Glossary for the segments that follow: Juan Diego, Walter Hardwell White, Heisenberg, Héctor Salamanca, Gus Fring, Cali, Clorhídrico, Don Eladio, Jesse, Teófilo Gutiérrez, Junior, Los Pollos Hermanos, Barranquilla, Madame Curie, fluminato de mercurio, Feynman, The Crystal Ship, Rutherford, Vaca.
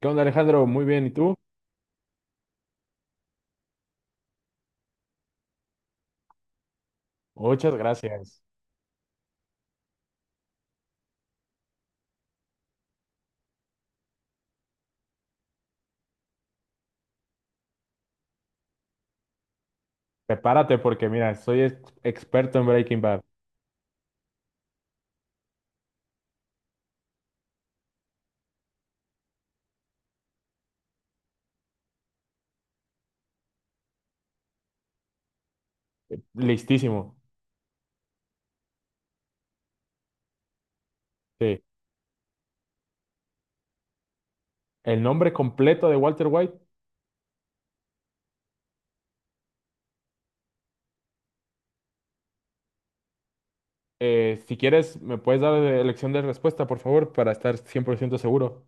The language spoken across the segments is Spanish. ¿Qué onda, Alejandro? Muy bien, ¿y tú? Muchas gracias. Prepárate porque mira, soy experto en Breaking Bad. Listísimo. Sí. El nombre completo de Walter White. Si quieres, me puedes dar elección de respuesta, por favor, para estar cien por ciento seguro.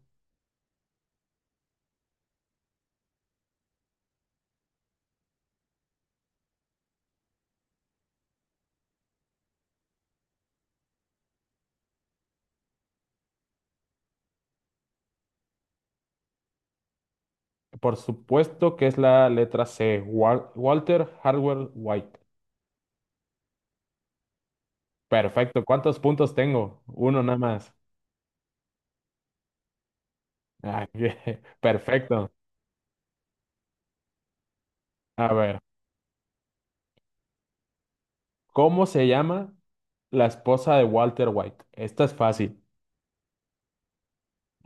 Por supuesto que es la letra C, Walter Hardwell White. Perfecto. ¿Cuántos puntos tengo? Uno nada más. Ah, bien. Perfecto. A ver, ¿cómo se llama la esposa de Walter White? Esta es fácil.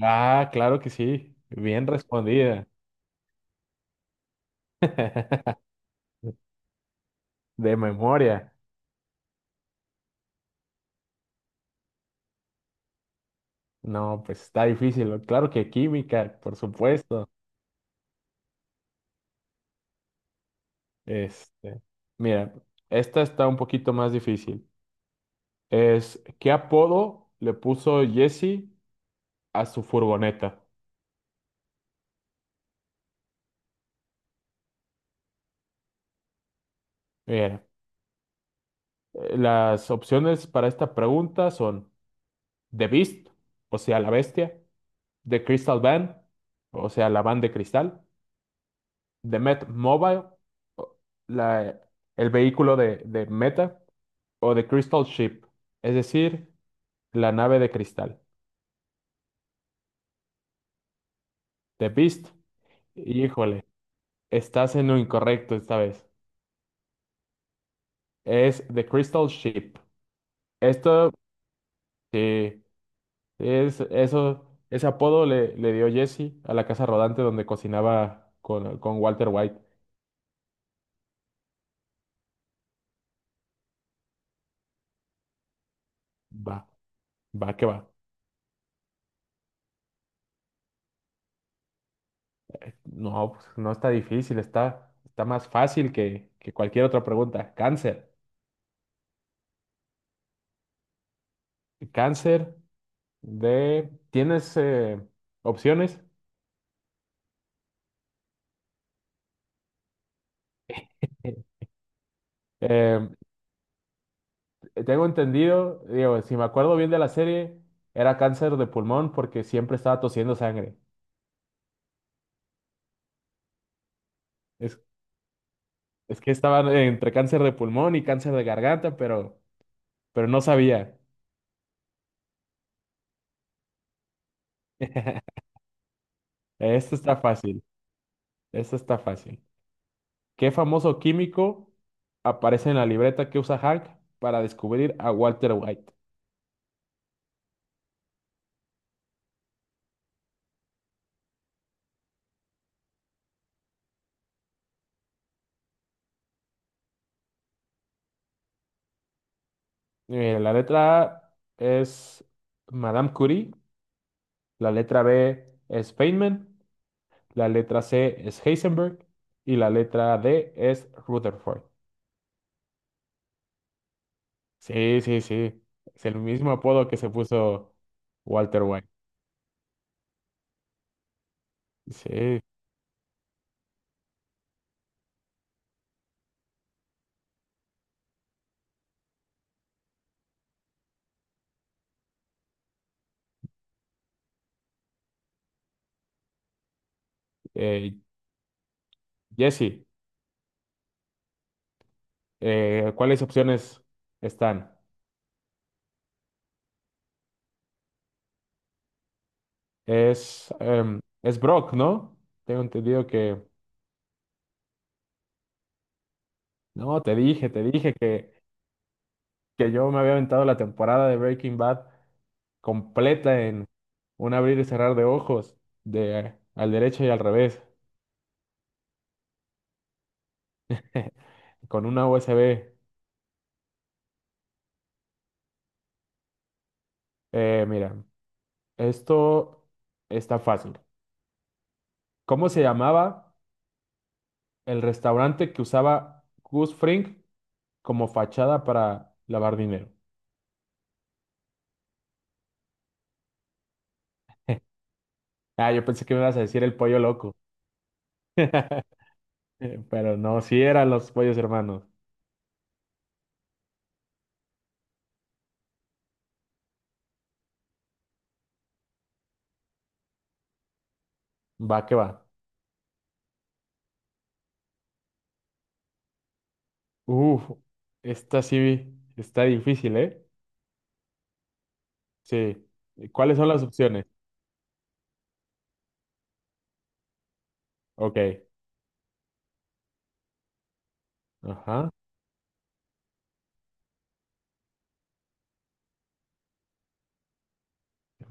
Ah, claro que sí. Bien respondida. De memoria. No, pues está difícil, ¿no? Claro que química, por supuesto. Este, mira, esta está un poquito más difícil. Es, ¿qué apodo le puso Jesse a su furgoneta? Mira, las opciones para esta pregunta son The Beast, o sea, la bestia; The Crystal Van, o sea, la van de cristal, de Met Mobile; o la- el vehículo de Meta; o de Crystal Ship, es decir, la nave de cristal. The Beast, híjole, estás en lo incorrecto esta vez. Es The Crystal Ship. Esto, sí, es, eso, ese apodo le, le dio Jesse a la casa rodante donde cocinaba con Walter White. Va, va que va. No, pues, no está difícil, está, está más fácil que cualquier otra pregunta. Cáncer. Cáncer de... ¿Tienes opciones? Eh, Eh, tengo entendido, digo, si me acuerdo bien de la serie, era cáncer de pulmón porque siempre estaba tosiendo sangre. Es, es que estaba entre cáncer de pulmón y cáncer de garganta, pero no sabía. Esto está fácil, esto está fácil. ¿Qué famoso químico aparece en la libreta que usa Hank para descubrir a Walter White? La letra A es Madame Curie, la letra B es Feynman, la letra C es Heisenberg y la letra D es Rutherford. Sí, sí, sí. Es el mismo apodo que se puso Walter White. Sí. Eh, Jesse. ¿Cuáles opciones están? Es, em, es Brock, ¿no? Tengo entendido que... No, te dije que yo me había aventado la temporada de Breaking Bad completa en un abrir y cerrar de ojos, de al derecho y al revés. Con una USB. Mira, esto está fácil. ¿Cómo se llamaba el restaurante que usaba Gus Fring como fachada para lavar dinero? Ah, yo pensé que me ibas a decir el pollo loco. Pero no, sí eran los pollos hermanos. Va que va. Uf, esta sí está difícil, ¿eh? Sí. ¿Cuáles son las opciones? Ok. Ajá.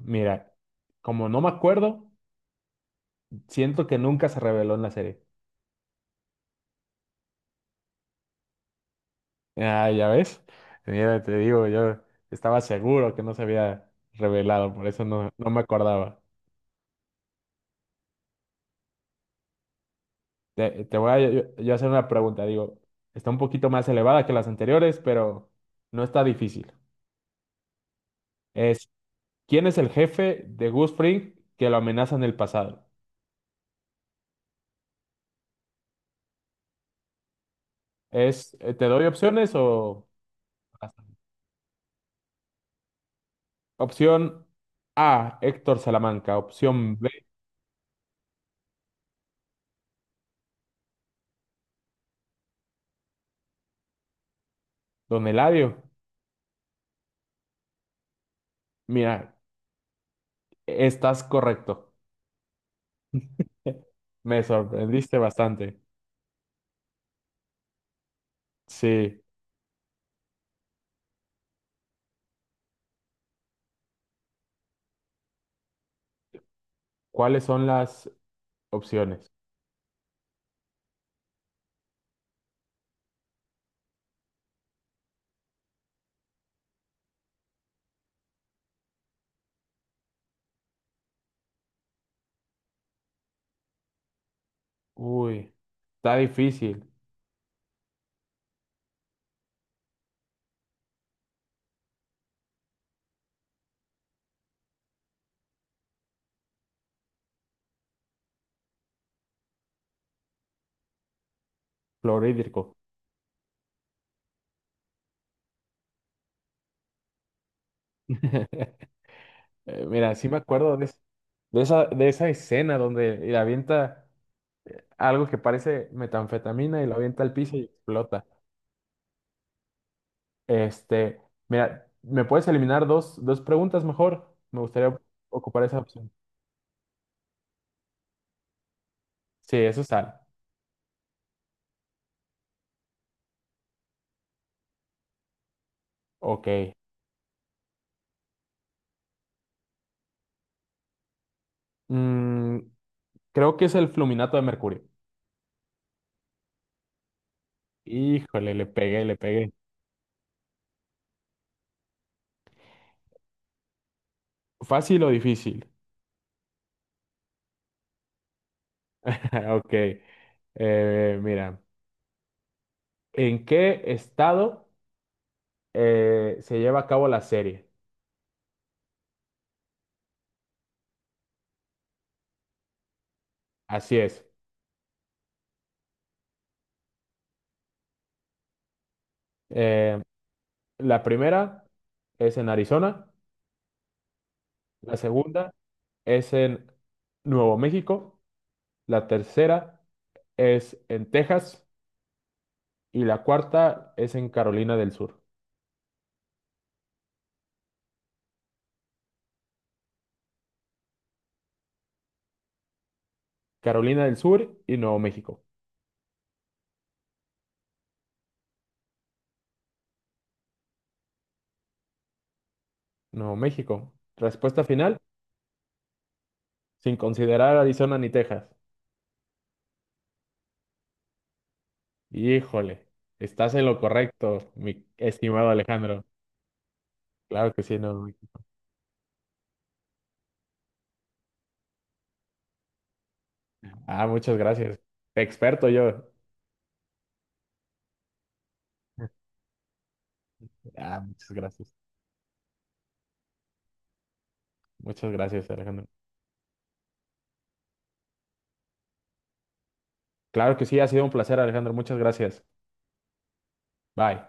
Mira, como no me acuerdo, siento que nunca se reveló en la serie. Ah, ya ves. Mira, te digo, yo estaba seguro que no se había revelado, por eso no, no me acordaba. Te voy a yo hacer una pregunta, digo, está un poquito más elevada que las anteriores, pero no está difícil. Es, ¿quién es el jefe de Gus Fring que lo amenaza en el pasado? Es, ¿te doy opciones o...? Opción A, Héctor Salamanca. Opción B, Don Eladio. Mira, estás correcto. Me sorprendiste bastante. Sí. ¿Cuáles son las opciones? Uy, está difícil. Clorhídrico. Mira, sí me acuerdo de, de esa escena donde le avienta algo que parece metanfetamina y lo avienta al piso y explota. Este, mira, ¿me puedes eliminar dos, dos preguntas mejor? Me gustaría ocupar esa opción. Sí, eso es sal. Ok. Mm, creo que es el fluminato de mercurio. Híjole, le pegué, le pegué. ¿Fácil o difícil? Ok, mira, ¿en qué estado se lleva a cabo la serie? Así es. Eh, la primera es en Arizona, la segunda es en Nuevo México, la tercera es en Texas y la cuarta es en Carolina del Sur. Carolina del Sur y Nuevo México. Nuevo México. Respuesta final, sin considerar Arizona ni Texas. Híjole, estás en lo correcto, mi estimado Alejandro. Claro que sí, no. Ah, muchas gracias. Experto yo. Ah, muchas gracias. Muchas gracias, Alejandro. Claro que sí, ha sido un placer, Alejandro. Muchas gracias. Bye.